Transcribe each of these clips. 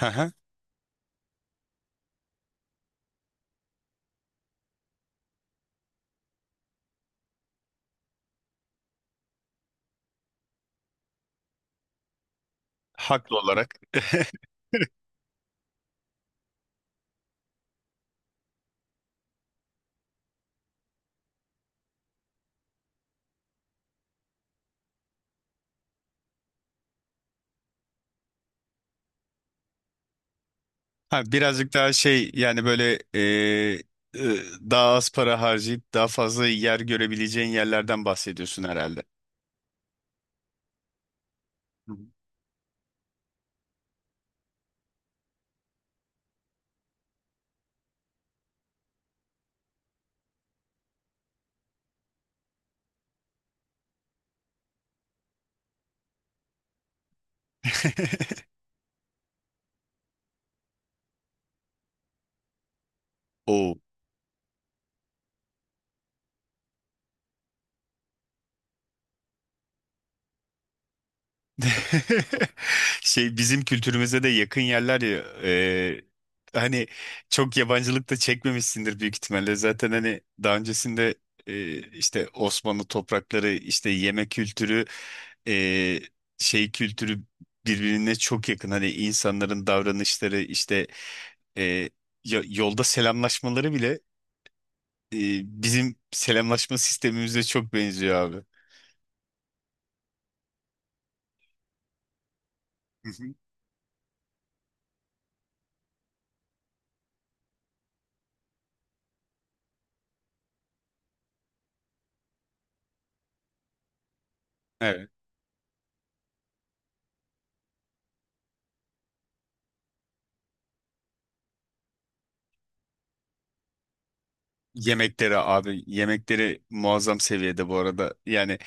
Hı hı. Haklı olarak. Ha, birazcık daha şey yani böyle e, daha az para harcayıp daha fazla yer görebileceğin yerlerden bahsediyorsun herhalde. Hı hı. Oo. Şey, bizim kültürümüze de yakın yerler ya, e, hani çok yabancılık da çekmemişsindir büyük ihtimalle. Zaten hani daha öncesinde, işte Osmanlı toprakları, işte yeme kültürü, e, şey kültürü birbirine çok yakın. Hani insanların davranışları, işte e, yolda selamlaşmaları bile, e, bizim selamlaşma sistemimize çok benziyor abi. Hı hı. Yemekleri abi, yemekleri muazzam seviyede bu arada. Yani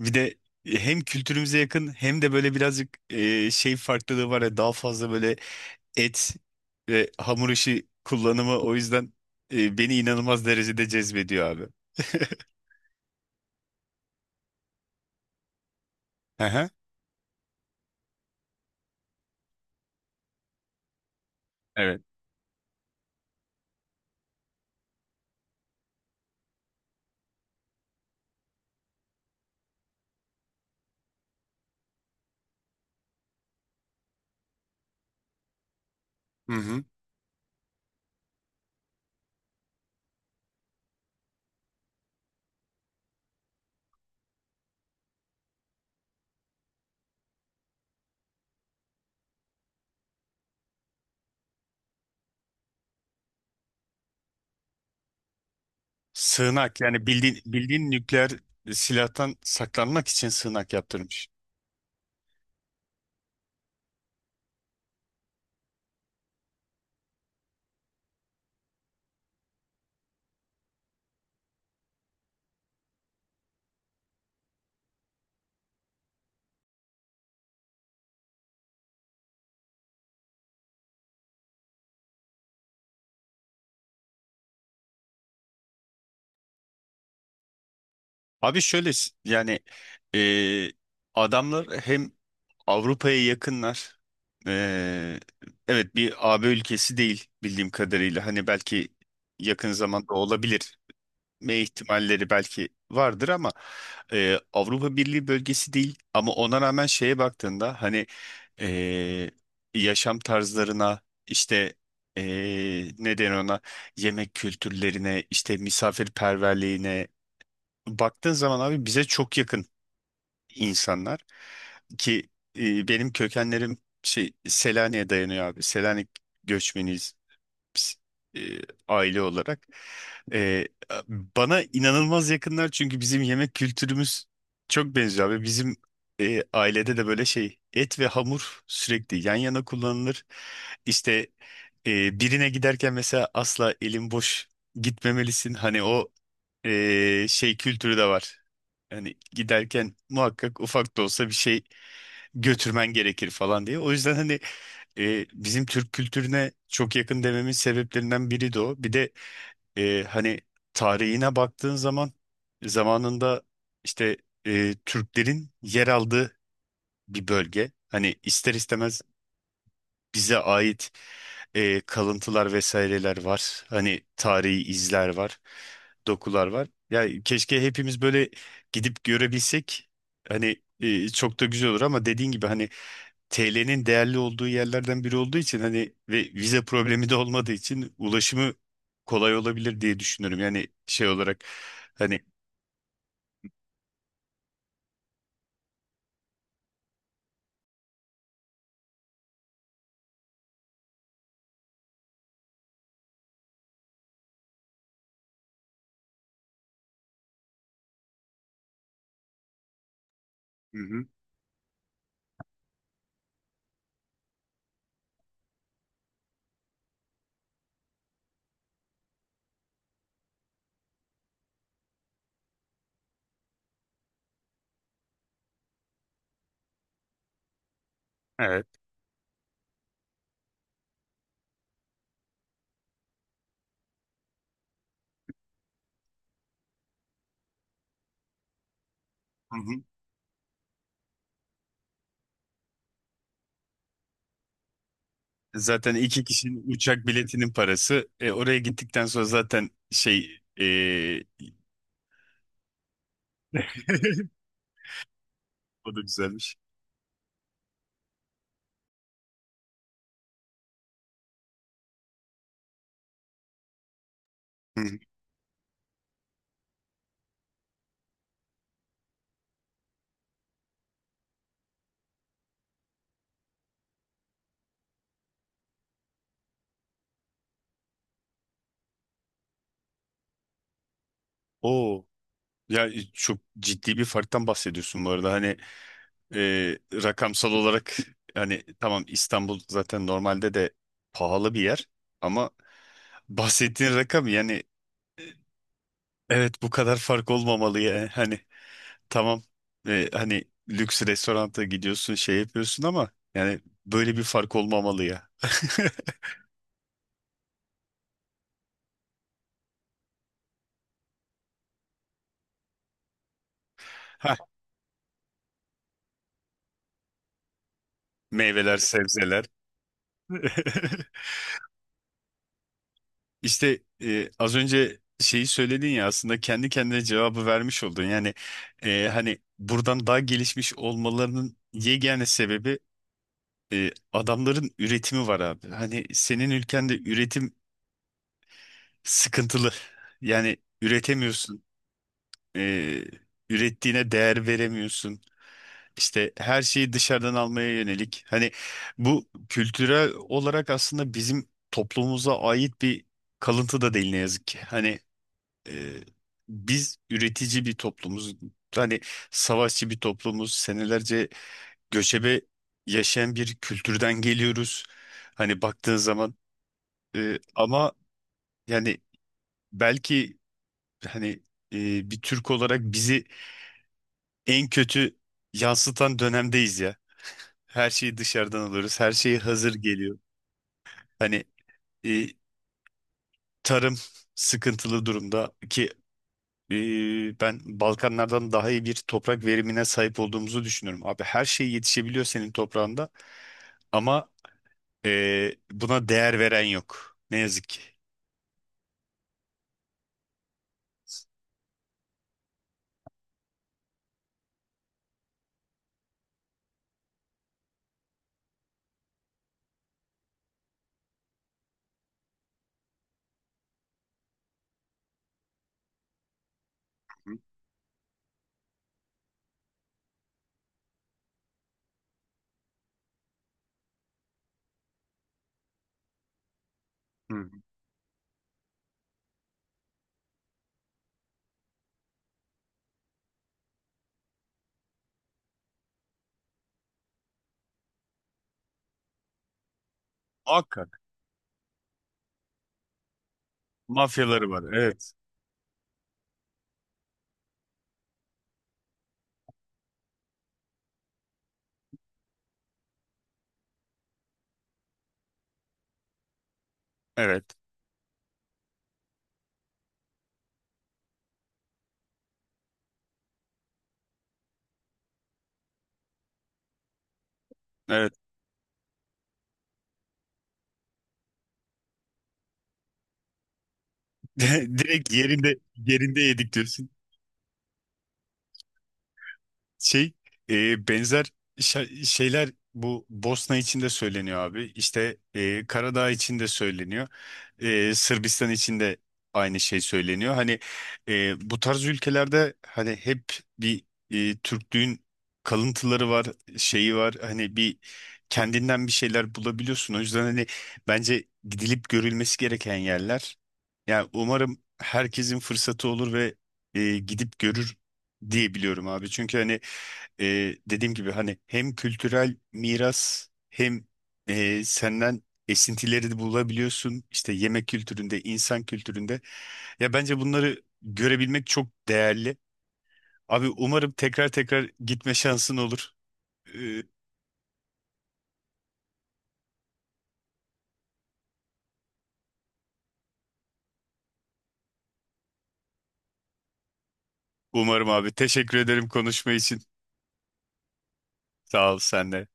bir de hem kültürümüze yakın hem de böyle birazcık şey farklılığı var ya, daha fazla böyle et ve hamur işi kullanımı. O yüzden beni inanılmaz derecede cezbediyor abi. Aha, evet. Hı hı. Sığınak, yani bildiğin bildiğin nükleer silahtan saklanmak için sığınak yaptırmış. Abi şöyle, yani e, adamlar hem Avrupa'ya yakınlar. Ee, evet, bir AB ülkesi değil bildiğim kadarıyla. Hani belki yakın zamanda olabilir. Me ihtimalleri belki vardır ama Avrupa Birliği bölgesi değil. Ama ona rağmen şeye baktığında hani, e, yaşam tarzlarına, işte e, ne denir ona, yemek kültürlerine, işte misafirperverliğine baktığın zaman abi, bize çok yakın insanlar ki, benim kökenlerim şey Selanik'e dayanıyor abi. Selanik göçmeniyiz biz, e, aile olarak. E, Bana inanılmaz yakınlar, çünkü bizim yemek kültürümüz çok benziyor abi. Bizim ailede de böyle şey et ve hamur sürekli yan yana kullanılır. İşte birine giderken mesela asla elin boş gitmemelisin. Hani o şey kültürü de var. Hani giderken muhakkak ufak da olsa bir şey götürmen gerekir falan diye. O yüzden hani bizim Türk kültürüne çok yakın dememin sebeplerinden biri de o. Bir de hani tarihine baktığın zaman, zamanında işte Türklerin yer aldığı bir bölge. Hani ister istemez bize ait kalıntılar vesaireler var. Hani tarihi izler var, dokular var. Yani keşke hepimiz böyle gidip görebilsek. Hani çok da güzel olur ama dediğin gibi hani TL'nin değerli olduğu yerlerden biri olduğu için hani ve vize problemi de olmadığı için ulaşımı kolay olabilir diye düşünüyorum. Yani şey olarak hani. Hı hı, evet. Hı hı. Zaten iki kişinin uçak biletinin parası. Oraya gittikten sonra zaten şey. O da güzelmiş. Hı hı. Oo. Ya, çok ciddi bir farktan bahsediyorsun bu arada. Hani rakamsal olarak, hani tamam, İstanbul zaten normalde de pahalı bir yer ama bahsettiğin rakam yani, evet bu kadar fark olmamalı ya. Hani tamam, hani lüks restoranta gidiyorsun, şey yapıyorsun ama yani böyle bir fark olmamalı ya. Hah. Meyveler, sebzeler. İşte, az önce şeyi söyledin ya, aslında kendi kendine cevabı vermiş oldun. Yani hani buradan daha gelişmiş olmalarının yegane sebebi, adamların üretimi var abi. Hani senin ülkende üretim sıkıntılı. Yani üretemiyorsun. E, Ürettiğine değer veremiyorsun. İşte her şeyi dışarıdan almaya yönelik. Hani bu kültürel olarak aslında bizim toplumumuza ait bir kalıntı da değil, ne yazık ki. Hani, e, biz üretici bir toplumuz. Hani savaşçı bir toplumuz. Senelerce göçebe yaşayan bir kültürden geliyoruz. Hani baktığın zaman, ama yani belki hani bir Türk olarak bizi en kötü yansıtan dönemdeyiz ya. Her şeyi dışarıdan alıyoruz. Her şey hazır geliyor. Hani e, tarım sıkıntılı durumda ki, ben Balkanlardan daha iyi bir toprak verimine sahip olduğumuzu düşünüyorum. Abi her şey yetişebiliyor senin toprağında ama buna değer veren yok, ne yazık ki. Hı hı. Muhakkak. Mafyaları var. Evet. Evet. Evet. Direkt yerinde yerinde yedik. Şey, benzer şeyler bu Bosna için de söyleniyor abi. İşte, Karadağ için de söyleniyor. Sırbistan için de aynı şey söyleniyor. Hani bu tarz ülkelerde hani hep bir, Türklüğün kalıntıları var, şeyi var. Hani bir kendinden bir şeyler bulabiliyorsun. O yüzden hani bence gidilip görülmesi gereken yerler. Yani umarım herkesin fırsatı olur ve gidip görür diye biliyorum abi. Çünkü hani dediğim gibi hani hem kültürel miras hem senden esintileri de bulabiliyorsun. İşte yemek kültüründe, insan kültüründe. Ya, bence bunları görebilmek çok değerli. Abi, umarım tekrar tekrar gitme şansın olur. E, Umarım abi. Teşekkür ederim konuşma için. Sağ ol, sen de.